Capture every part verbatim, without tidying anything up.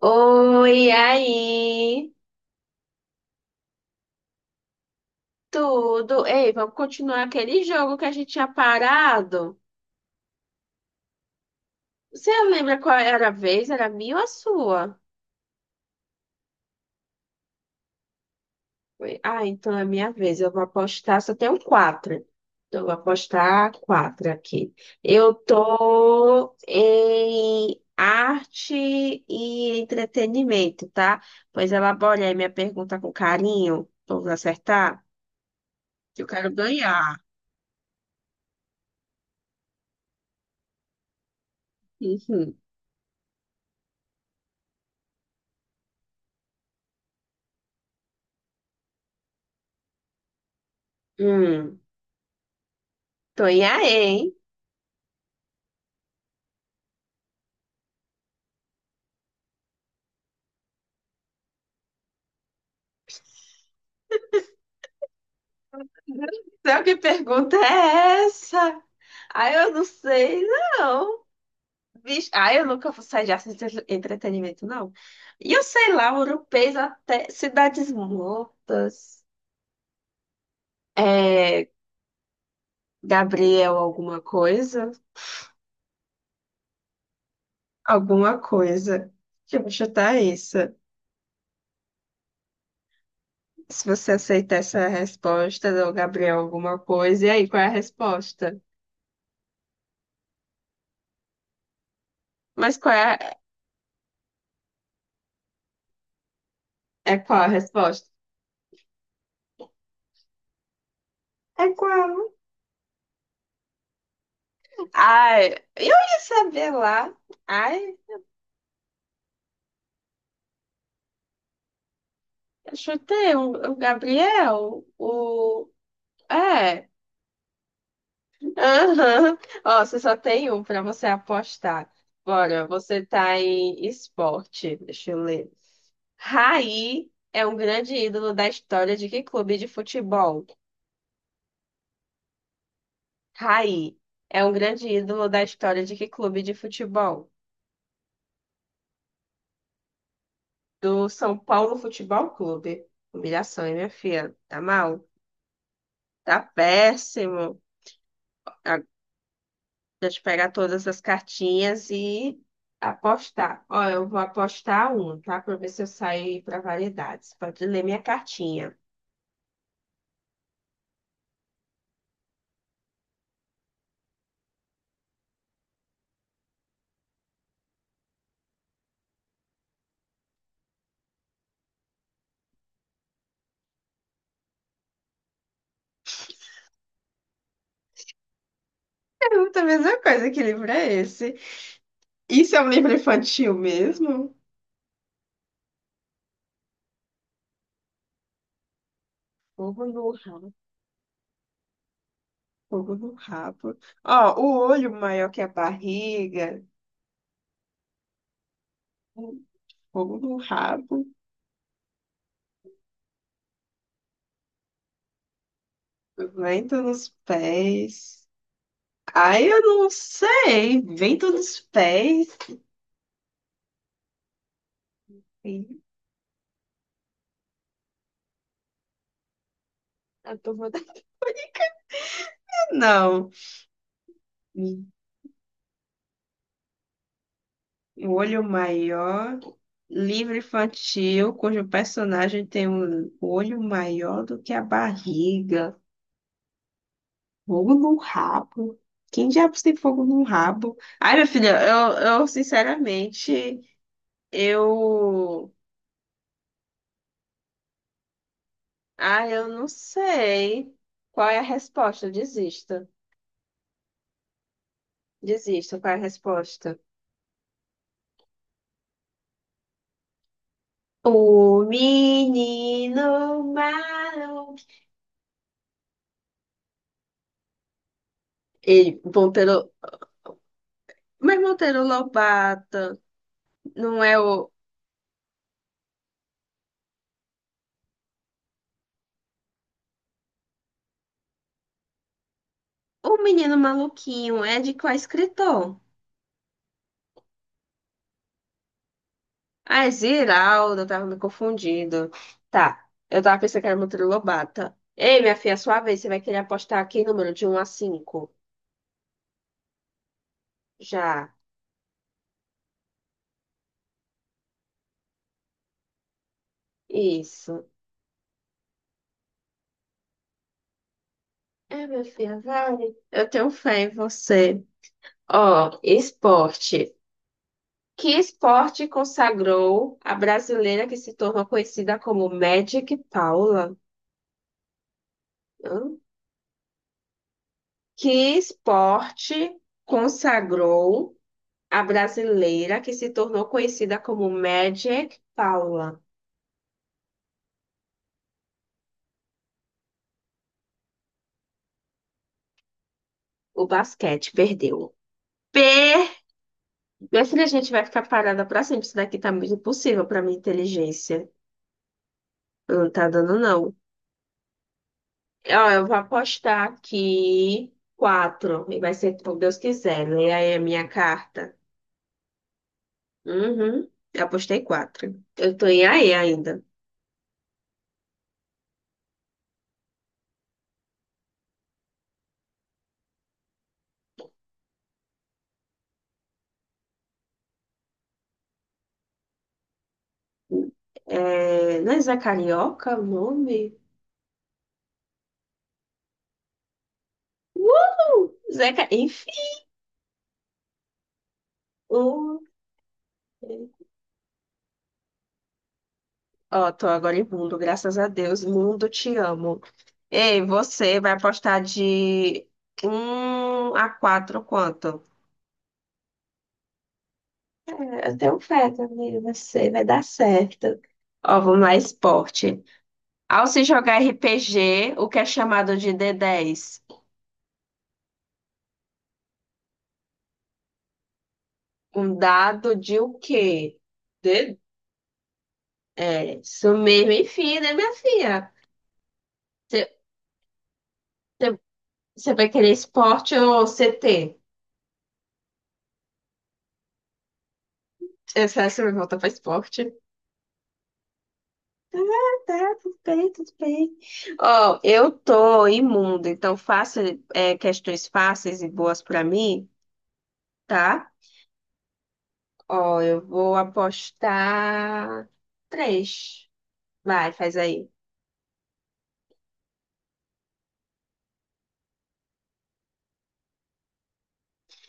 Oi, aí, tudo? Ei, vamos continuar aquele jogo que a gente tinha parado? Você lembra qual era a vez? Era a minha ou a sua? Foi- Ah, então é minha vez. Eu vou apostar, só tenho quatro. Então, eu vou apostar quatro aqui. Eu tô em arte e entretenimento, tá? Pois elabore aí minha pergunta com carinho, pra eu acertar. Eu quero ganhar. Uhum. Hum, tô em aí, hein? Meu Deus do céu, que pergunta é essa? Ah, eu não sei, não. Vixe, ah, eu nunca vou sair de arte e entre- entretenimento, não. E eu sei lá, europeus até Cidades Mortas. É, Gabriel, alguma coisa? Alguma coisa. Deixa eu chutar isso. Se você aceitar essa resposta do Gabriel, alguma coisa, e aí, qual é a resposta? Mas qual é, é qual a resposta? É qual? Ai, eu ia saber lá. Ai, eu chutei um- o Gabriel, o... É, aham. Ó, você só tem um pra você apostar. Bora, você tá em esporte. Deixa eu ler. Raí é um grande ídolo da história de que clube de futebol? Raí é um grande ídolo da história de que clube de futebol? Do São Paulo Futebol Clube. Humilhação, hein, minha filha? Tá mal? Tá péssimo. Gente, pegar todas as cartinhas e apostar. Ó, eu vou apostar um, tá? Pra ver se eu saio para variedades. Pode ler minha cartinha. Pergunta a mesma coisa, que livro é esse? Isso é um livro infantil mesmo? Fogo no rabo. Fogo no rabo. Ó, o olho maior que a barriga. Fogo no rabo. Vento nos pés. Ai, eu não sei. Vento nos pés. Ih, Eu tô... votando- Não. O Olho Maior, livro infantil, cujo personagem tem um olho maior do que a barriga. Fogo no rabo. Quem diabos tem fogo no rabo? Ai, minha filha, eu, eu sinceramente, eu. Ah, eu não sei qual é a resposta. Desista. Desista, qual é a resposta? O menino maluco. Ele, bom, pelo. Mas Monteiro Lobato não é o. O Menino Maluquinho é de qual escritor? Ah, é Ziraldo, eu tava me confundindo. Tá, eu tava pensando que era Monteiro Lobato. Ei, minha filha, sua vez, você vai querer apostar aqui número de um a cinco. Já. Isso. É, minha filha, vale. Eu tenho fé em você. Ó, esporte. Que esporte consagrou a brasileira que se tornou conhecida como Magic Paula? Hã? Que esporte consagrou a brasileira que se tornou conhecida como Magic Paula. O basquete perdeu. P. Minha filha, a gente vai ficar parada pra sempre. Isso daqui tá muito impossível pra minha inteligência. Não tá dando, não. Ó, eu vou apostar aqui quatro. E vai ser como Deus quiser. Lê aí a minha carta. Uhum. Eu apostei quatro. Eu tô em aí ainda. É... Não é Zé Carioca o nome? Uh! Zeca, enfim. Um, Ó, tô agora em mundo, graças a Deus. Mundo, te amo. Ei, você vai apostar de um a quatro quanto? Eu tenho fé também, você vai dar certo. Ó, vamos lá, esporte. Ao se jogar R P G, o que é chamado de d dez? Um dado de o quê? D... É, isso mesmo, enfim, né, minha filha? Você você- vai querer esporte ou C T? Essa essa você vai voltar para esporte. Ah, tá, tudo bem, tudo bem. Ó, eu tô imunda, então faça é, questões fáceis e boas pra mim, tá? Ó, eu vou apostar três. Vai, faz aí.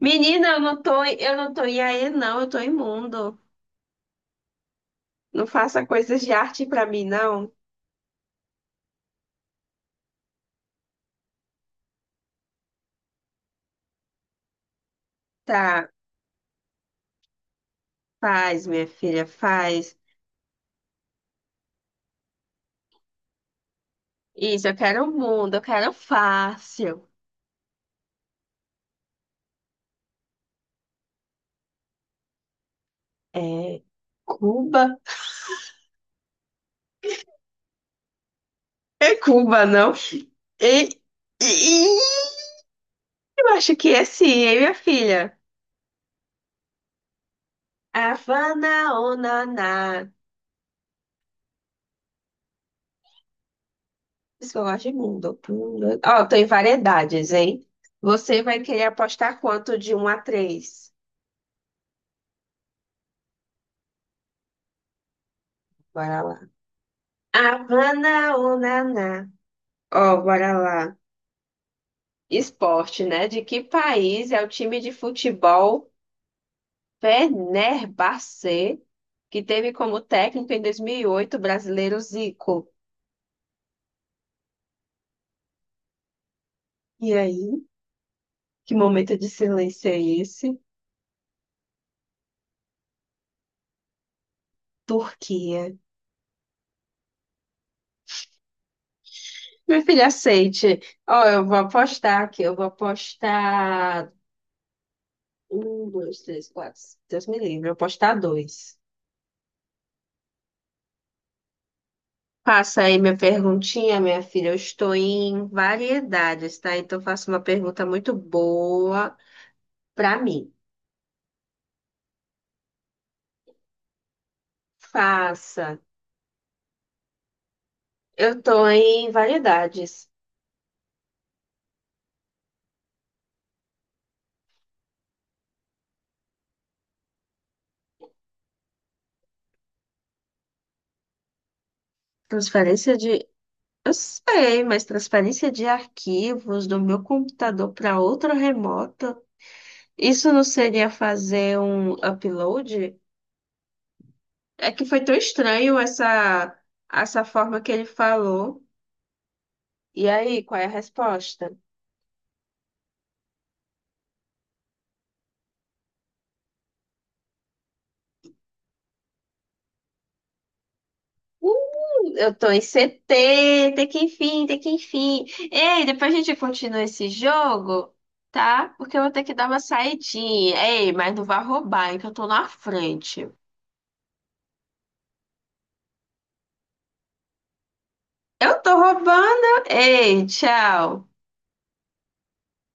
Menina, eu não tô, eu não tô em aí, não, eu tô imundo. Não faça coisas de arte pra mim, não. Tá, faz, minha filha, faz. Isso, eu quero o mundo, eu quero fácil. É, Cuba. É Cuba, não? E, e- eu acho que é sim, hein, minha filha? Havana, onaná. Por Isso que eu gosto de mundo. mundo. Ó, tem variedades, hein? Você vai querer apostar quanto de um a três? Bora lá. Havana, onaná. Ó, bora lá. Esporte, né? De que país é o time de futebol Fenerbahçe, que teve como técnico em dois mil e oito o brasileiro Zico? E aí? Que momento de silêncio é esse? Turquia. Meu filho, aceite. Ó, eu vou apostar aqui. Eu vou apostar. Um, dois, três, quatro. Deus me livre. Eu vou apostar dois. Passa aí minha perguntinha, minha filha. Eu estou em variedades, tá? Então, faça uma pergunta muito boa para mim. Faça. Eu estou em variedades. Transferência de. Eu sei, mas transferência de arquivos do meu computador para outro remoto. Isso não seria fazer um upload? É que foi tão estranho essa, essa forma que ele falou. E aí, qual é a resposta? Uh, eu tô em C T, tem que enfim, tem que enfim. Ei, depois a gente continua esse jogo, tá? Porque eu vou ter que dar uma saidinha. Ei, mas não vá roubar, hein, que eu tô na frente. Eu tô roubando? Ei, tchau.